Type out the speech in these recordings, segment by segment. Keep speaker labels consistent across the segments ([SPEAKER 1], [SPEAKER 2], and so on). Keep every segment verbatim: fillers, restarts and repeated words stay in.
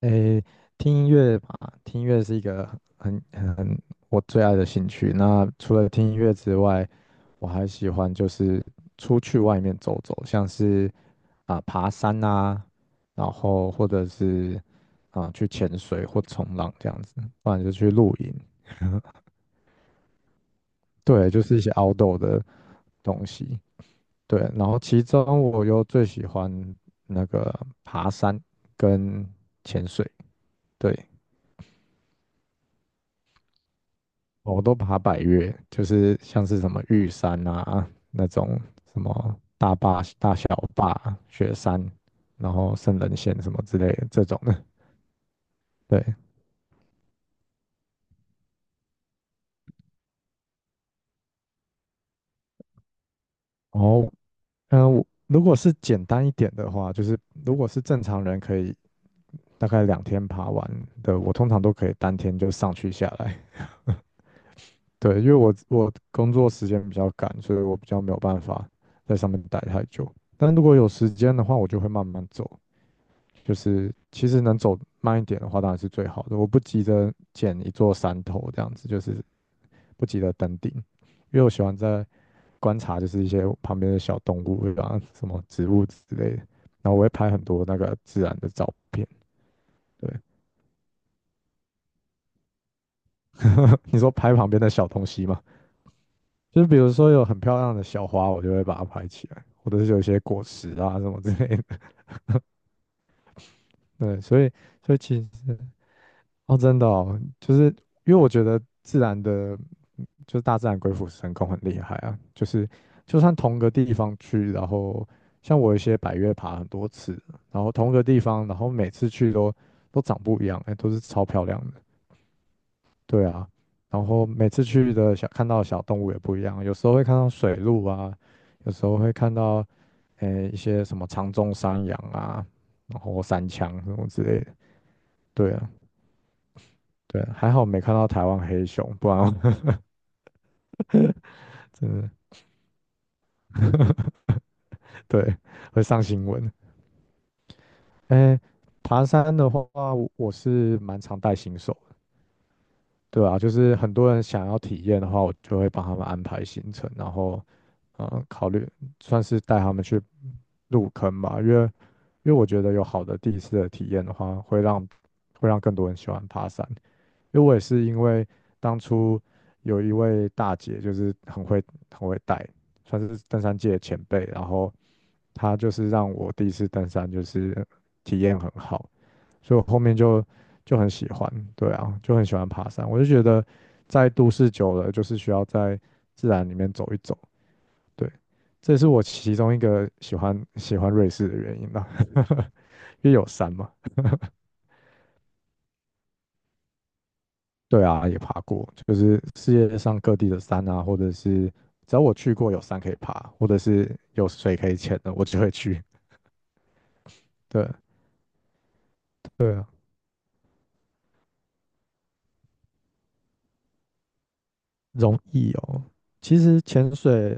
[SPEAKER 1] 诶，听音乐吧，听音乐是一个很很很我最爱的兴趣。那除了听音乐之外，我还喜欢就是出去外面走走，像是啊、爬山啊，然后或者是啊、去潜水或冲浪这样子，不然就去露营。对，就是一些 outdoor 的东西。对，然后其中我又最喜欢那个爬山跟潜水。对，哦，我都爬百岳，就是像是什么玉山啊那种什么大坝、大小坝、雪山，然后圣人线什么之类的这种的。对，然后嗯、呃我如果是简单一点的话，就是如果是正常人可以大概两天爬完的，我通常都可以当天就上去下来。对，因为我我工作时间比较赶，所以我比较没有办法在上面待太久。但如果有时间的话，我就会慢慢走。就是其实能走慢一点的话，当然是最好的。我不急着捡一座山头这样子，就是不急着登顶，因为我喜欢在观察，就是一些旁边的小动物，对吧？什么植物之类的。然后我会拍很多那个自然的照片。对，你说拍旁边的小东西嘛，就是比如说有很漂亮的小花，我就会把它拍起来，或者是有一些果实啊什么之类的。对，所以所以其实哦，真的哦，就是因为我觉得自然的，嗯就是大自然鬼斧神工很厉害啊。就是就算同个地方去，然后像我有一些百越爬很多次，然后同个地方，然后每次去都都长不一样，哎，都是超漂亮的。对啊，然后每次去的小看到的小动物也不一样，有时候会看到水鹿啊，有时候会看到诶一些什么长鬃山羊啊，然后山羌什么之类的。对啊。对，还好没看到台湾黑熊，不然我 真的，对，会上新闻。哎，爬山的话，我我是蛮常带新手的，对啊，就是很多人想要体验的话，我就会帮他们安排行程，然后嗯，考虑算是带他们去入坑吧，因为因为我觉得有好的第一次的体验的话，会让会让更多人喜欢爬山。因为我也是因为当初有一位大姐，就是很会很会带，算是登山界的前辈，然后她就是让我第一次登山就是体验很好，所以我后面就就很喜欢，对啊，就很喜欢爬山。我就觉得在都市久了，就是需要在自然里面走一走，对，这也是我其中一个喜欢喜欢瑞士的原因吧，因为有山嘛。对啊，也爬过，就是世界上各地的山啊，或者是只要我去过有山可以爬，或者是有水可以潜的，我就会去。对，对啊，容易哦。其实潜水，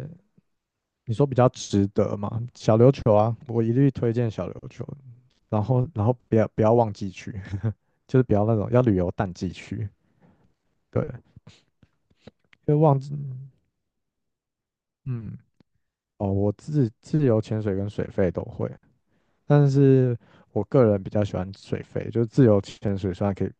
[SPEAKER 1] 你说比较值得嘛？小琉球啊，我一律推荐小琉球。然后，然后不要不要旺季去，就是不要那种要旅游淡季去。对，因为旺季，嗯，哦，我自自由潜水跟水肺都会。但是我个人比较喜欢水肺，就是自由潜水，虽然可以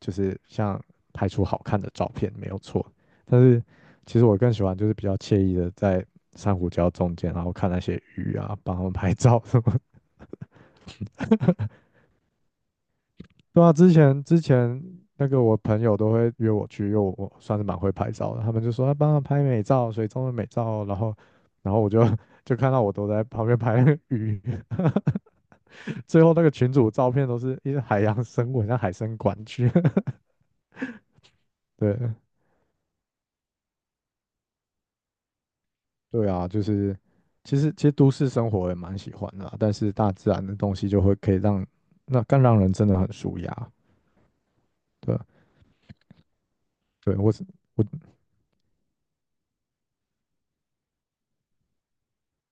[SPEAKER 1] 就是像拍出好看的照片没有错，但是其实我更喜欢就是比较惬意的在珊瑚礁中间，然后看那些鱼啊，帮他们拍照什么。对啊，之前之前那个我朋友都会约我去，因为我我算是蛮会拍照的，他们就说要帮他拍美照，水中的美照，然后然后我就 就看到我都在旁边拍那个鱼，最后那个群主照片都是一些海洋生物，很像海参馆去。对，对啊，就是其实其实都市生活也蛮喜欢的啦，但是大自然的东西就会可以让那更让人真的很舒压。对，对，我是我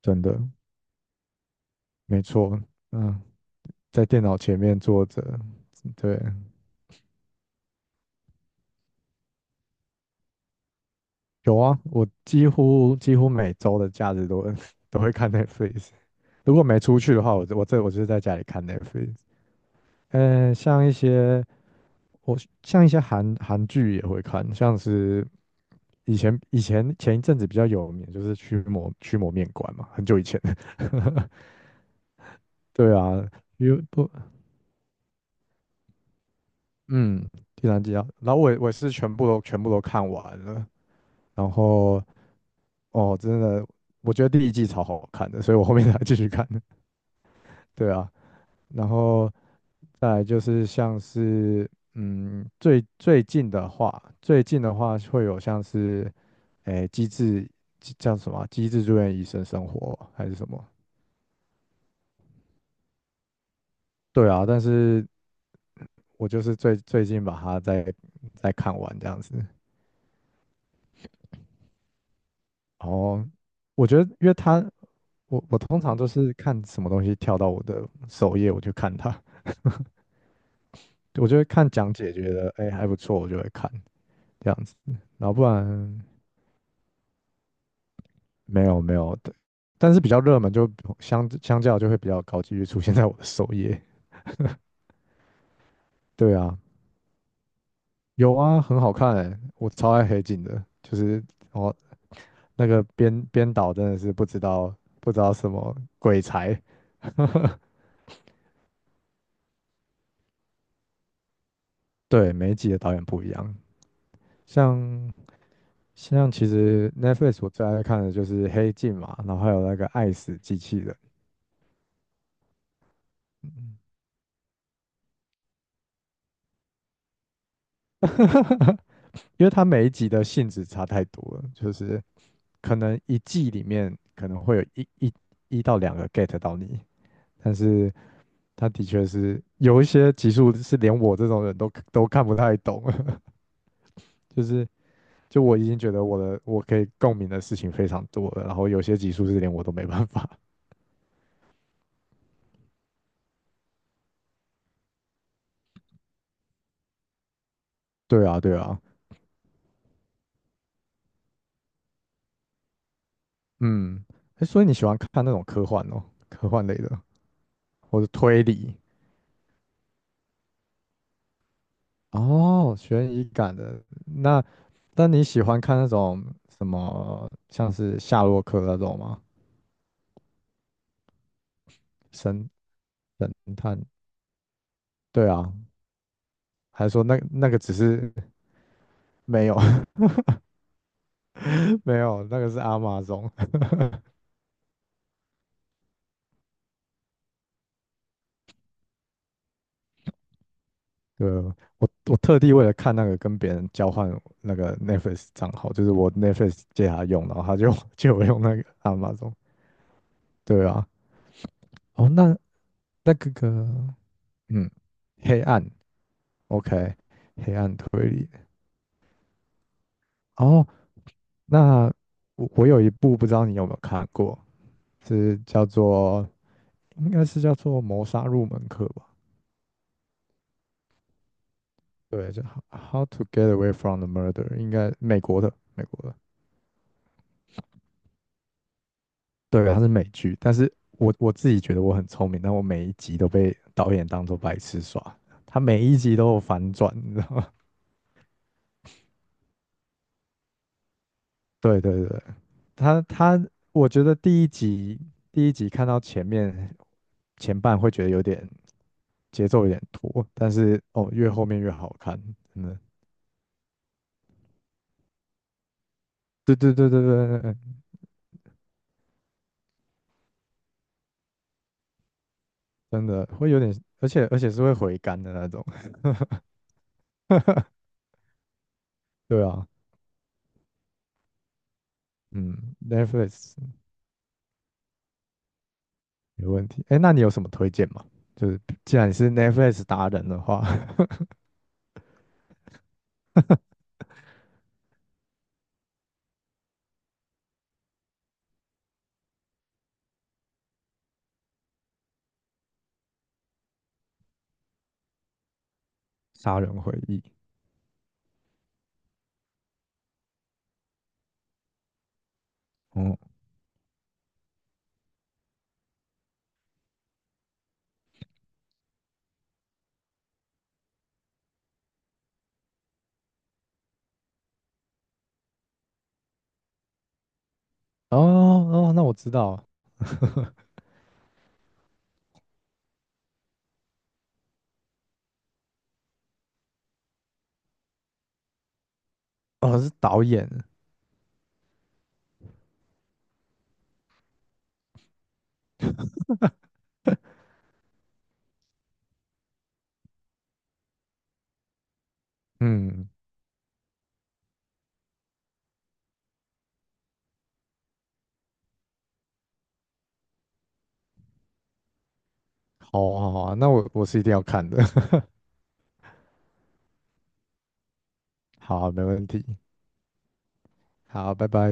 [SPEAKER 1] 真的没错，嗯，在电脑前面坐着，对，有啊，我几乎几乎每周的假日都会 都会看 Netflix。如果没出去的话，我就我这我就是在家里看 Netflix。呃，像一些我像一些韩韩剧也会看，像是以前以前前一阵子比较有名，就是驱魔驱魔面馆嘛，很久以前。对啊，有不嗯，第三季啊，然后我也我也是全部都全部都看完了，然后哦，真的，我觉得第一季超好看的，所以我后面才继续看的。对啊，然后再来就是像是嗯，最最近的话，最近的话会有像是。诶机制叫什么啊，机制住院医生生活还是什么？对啊，但是我就是最最近把它再再看完这样子。哦，我觉得，因为它我我通常都是看什么东西跳到我的首页，我就看它，我就会看讲解，觉得哎还不错，我就会看这样子。然后不然没有，没有的，但是比较热门就相相较就会比较高几率出现在我的首页。对啊，有啊，很好看诶，我超爱黑镜的，就是哦，那个编编导真的是不知道不知道什么鬼才，对，每一集的导演不一样，像像其实 Netflix 我最爱看的就是黑镜嘛，然后还有那个爱死机器人，嗯因为它每一集的性质差太多了，就是可能一季里面可能会有一一一到两个 get 到你，但是它的确是有一些集数是连我这种人都都看不太懂，就是就我已经觉得我的我可以共鸣的事情非常多了，然后有些集数是连我都没办法。对啊，对啊，嗯，诶所以你喜欢看那种科幻哦，科幻类的，或者推理哦，悬疑感的。那那你喜欢看那种什么，像是夏洛克那种吗？神神探？对啊，还是说那那个只是 没有？没有，那个是阿玛总。对，我我特地为了看那个跟别人交换那个 Netflix 账号，就是我 Netflix 借他用，然后他就 借我用那个阿玛总。对啊，哦，那那个个，嗯，黑暗，OK，黑暗推理。哦，那我我有一部不知道你有没有看过，是叫做应该是叫做谋杀入门课吧？对，就 h How to Get Away from the Murder，应该美国的美国的。对，它是美剧，但是我我自己觉得我很聪明，但我每一集都被导演当做白痴耍，他每一集都有反转，你知道吗？对，对，对，他他，我觉得第一集第一集看到前面前半会觉得有点节奏有点拖，但是哦，越后面越好看，真的，对，对，对，对，对，对，对，真的会有点，而且而且是会回甘的那种，对啊，嗯，Netflix 没问题。哎，那你有什么推荐吗？就是既然你是 Netflix 达人的话，《杀人回忆》。哦，哦，哦，那我知道，哦是导演。嗯，好啊，好啊，那我我是一定要看的。好啊，没问题。好，拜拜。